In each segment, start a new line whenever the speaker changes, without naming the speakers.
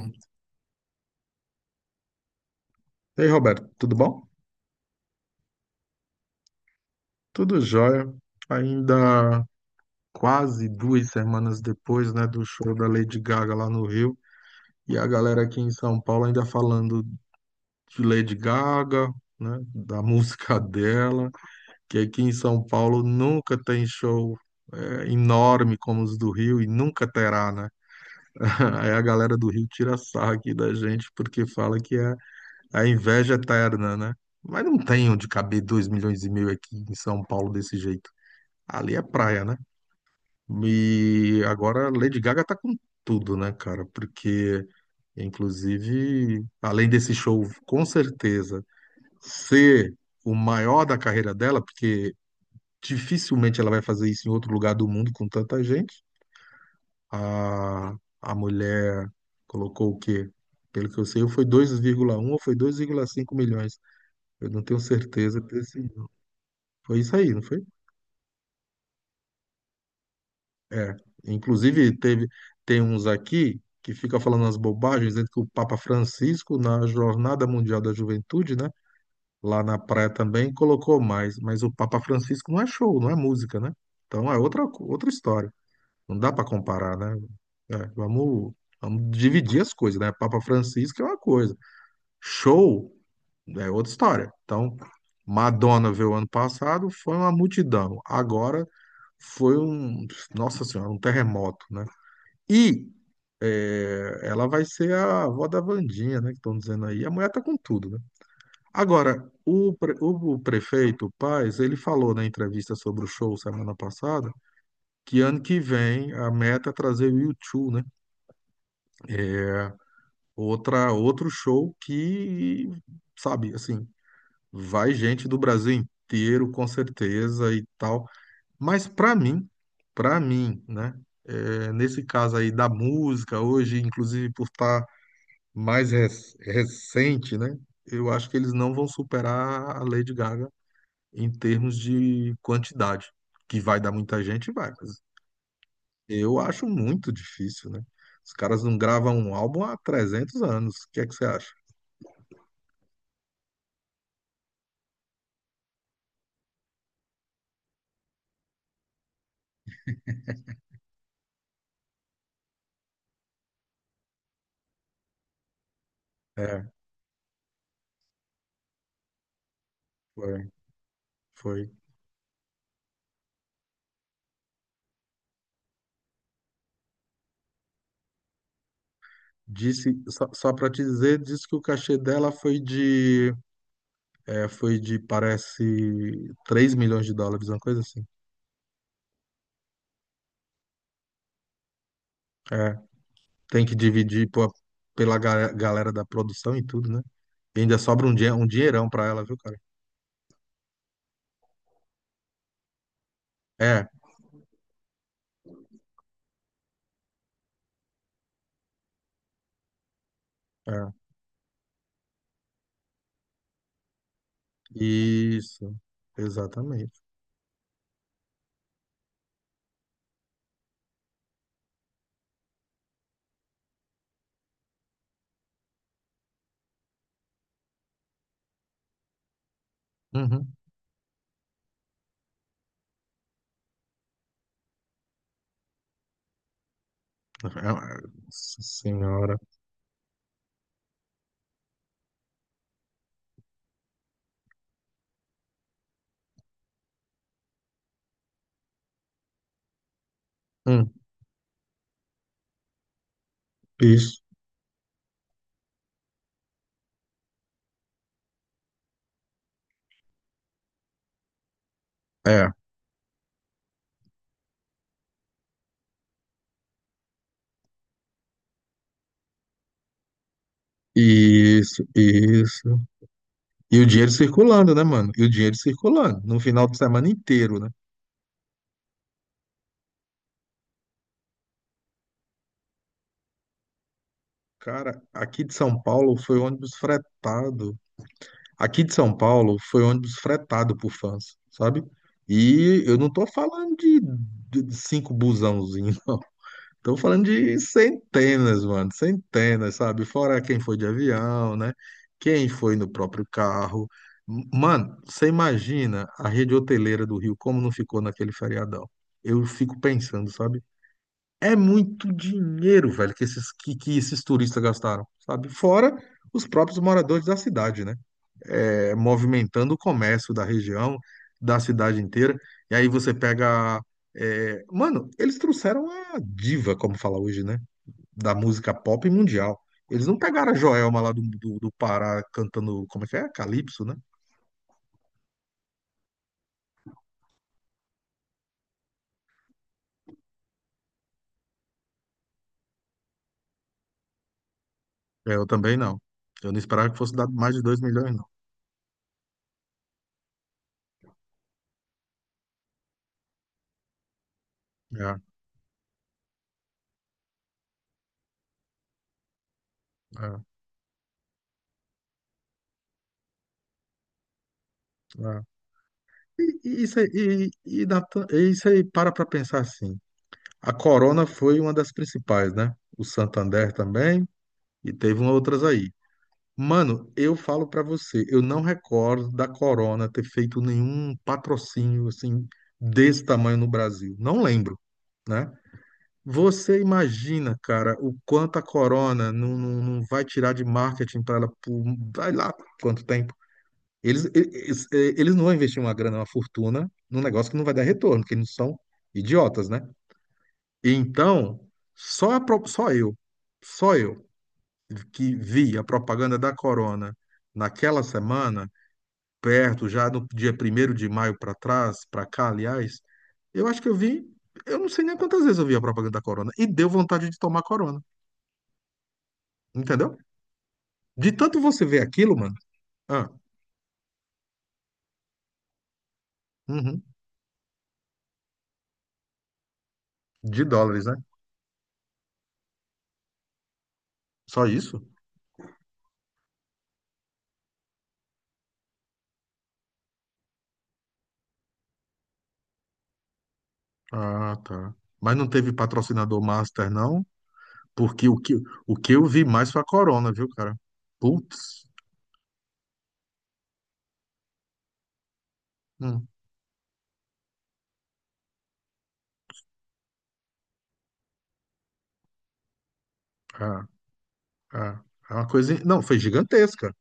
E aí, Roberto, tudo bom? Tudo jóia. Ainda quase 2 semanas depois, né, do show da Lady Gaga lá no Rio, e a galera aqui em São Paulo ainda falando de Lady Gaga, né, da música dela, que aqui em São Paulo nunca tem show enorme como os do Rio e nunca terá, né? Aí a galera do Rio tira sarro aqui da gente porque fala que é a inveja eterna, né? Mas não tem onde caber 2,5 milhões aqui em São Paulo desse jeito. Ali é praia, né? E agora Lady Gaga tá com tudo, né, cara? Porque, inclusive, além desse show, com certeza, ser o maior da carreira dela, porque dificilmente ela vai fazer isso em outro lugar do mundo com tanta gente. A, a mulher colocou o quê? Pelo que eu sei, foi 2,1 ou foi 2,5 milhões. Eu não tenho certeza desse. Foi isso aí, não foi? É, inclusive teve tem uns aqui que fica falando as bobagens dentro que o Papa Francisco na Jornada Mundial da Juventude, né, lá na praia também colocou mais, mas o Papa Francisco não é show, não é música, né? Então é outra história. Não dá para comparar, né? É, vamos dividir as coisas, né? Papa Francisco é uma coisa, show é outra história. Então Madonna veio ano passado, foi uma multidão. Agora foi um, nossa senhora, um terremoto, né? E ela vai ser a avó da Wandinha, né? Que estão dizendo aí. A mulher tá com tudo, né? Agora, o prefeito Paes, ele falou na entrevista sobre o show semana passada que ano que vem a meta é trazer o U2, né? É outra outro show que, sabe, assim, vai gente do Brasil inteiro com certeza e tal. Mas para mim, né, nesse caso aí da música hoje, inclusive por estar mais recente, né? Eu acho que eles não vão superar a Lady Gaga em termos de quantidade, que vai dar muita gente, vai, mas eu acho muito difícil, né? Os caras não gravam um álbum há 300 anos. O que é que você acha? É, foi, foi. Disse, só para te dizer, disse que o cachê dela foi de, parece, US$ 3 milhões, uma coisa assim. É, tem que dividir pô, pela galera da produção e tudo, né? E ainda sobra um dinheirão pra ela, viu, cara? É, é. Isso. Exatamente. Uhum. Nossa senhora. Hum, isso. É. Isso, isso. E o dinheiro circulando, né, mano? E o dinheiro circulando no final de semana inteiro, né? Cara, aqui de São Paulo foi ônibus fretado. Aqui de São Paulo foi ônibus fretado por fãs, sabe? E eu não tô falando de cinco busãozinhos. Estou falando de centenas, mano, centenas, sabe? Fora quem foi de avião, né? Quem foi no próprio carro. Mano, você imagina a rede hoteleira do Rio como não ficou naquele feriadão? Eu fico pensando, sabe? É muito dinheiro, velho, que esses turistas gastaram, sabe? Fora os próprios moradores da cidade, né? É, movimentando o comércio da região, da cidade inteira. E aí você pega. Mano, eles trouxeram a diva, como fala hoje, né? Da música pop mundial. Eles não pegaram a Joelma lá do Pará cantando, como é que é? Calypso, né? É, eu também não. Eu não esperava que fosse dar mais de 2 milhões, não. É, é, é. E isso aí, e Natan- e isso aí, para pra pensar assim. A Corona foi uma das principais, né? O Santander também, e teve umas outras aí. Mano, eu falo pra você, eu não recordo da Corona ter feito nenhum patrocínio assim desse tamanho no Brasil. Não lembro, né? Você imagina, cara, o quanto a Corona não vai tirar de marketing para ela por, vai lá quanto tempo. Eles não vão investir uma grana, uma fortuna num negócio que não vai dar retorno, porque eles são idiotas, né? Então, só, a pro- só eu, só eu que vi a propaganda da Corona naquela semana, perto, já no dia 1º de maio para trás, para cá, aliás, eu acho que eu vi, eu não sei nem quantas vezes eu vi a propaganda da Corona, e deu vontade de tomar Corona. Entendeu? De tanto você ver aquilo, mano. Ah, uhum. De dólares, né? Só isso? Ah, tá. Mas não teve patrocinador master, não? Porque o que eu vi mais foi a Corona, viu, cara? Putz. Hum. Ah, ah. É uma coisa. Não, foi gigantesca.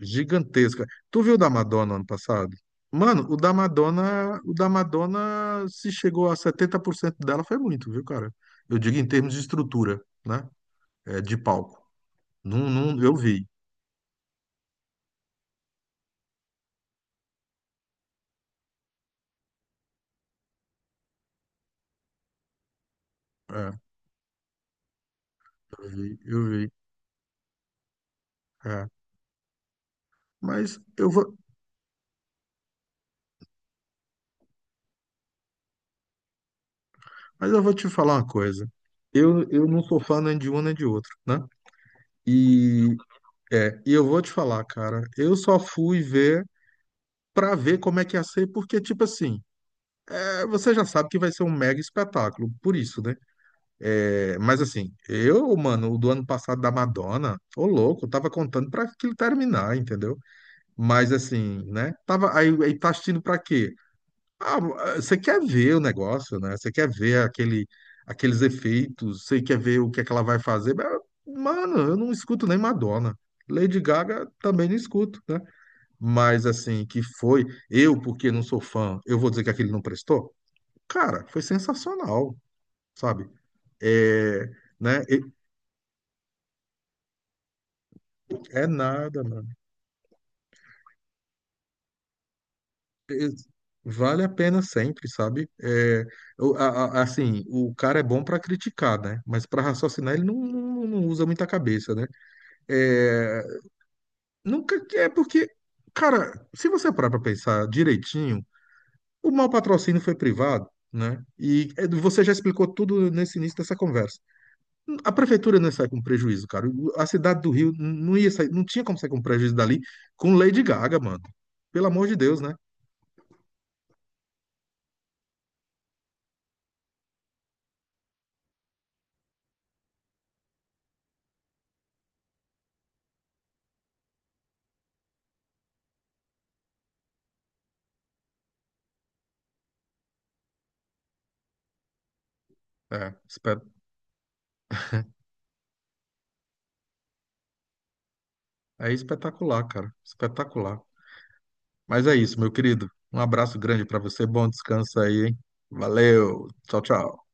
Gigantesca. Tu viu o da Madonna ano passado? Mano, o da Madonna, se chegou a 70% dela, foi muito, viu, cara? Eu digo em termos de estrutura, né? É, de palco. Não, não, eu vi. É. Eu vi, eu vi. É. Mas eu vou, mas eu vou te falar uma coisa. Eu não sou fã nem de um nem de outro, né? E, e eu vou te falar, cara, eu só fui ver pra ver como é que ia ser, porque, tipo assim, você já sabe que vai ser um mega espetáculo, por isso, né? É, mas assim, eu, mano, o do ano passado da Madonna, ô louco, eu tava contando pra aquilo terminar, entendeu? Mas assim, né? Tava, aí tá assistindo pra quê? Ah, você quer ver o negócio, né? Você quer ver aqueles efeitos, você quer ver o que é que ela vai fazer. Mas, mano, eu não escuto nem Madonna. Lady Gaga também não escuto, né? Mas assim, que foi, eu, porque não sou fã, eu vou dizer que aquele não prestou? Cara, foi sensacional, sabe? É, né? É nada, mano. Vale a pena sempre, sabe? É, eu- a- assim, o cara é bom pra criticar, né? Mas pra raciocinar ele não usa muita cabeça, né? É, nunca é porque, cara, se você parar para pensar direitinho, o mau patrocínio foi privado, né? E você já explicou tudo nesse início dessa conversa. A prefeitura não sai com prejuízo, cara. A cidade do Rio não ia sair, não tinha como sair com prejuízo dali com Lady Gaga, mano. Pelo amor de Deus, né? É, espe- é espetacular, cara. Espetacular. Mas é isso, meu querido. Um abraço grande para você. Bom descanso aí, hein? Valeu. Tchau, tchau.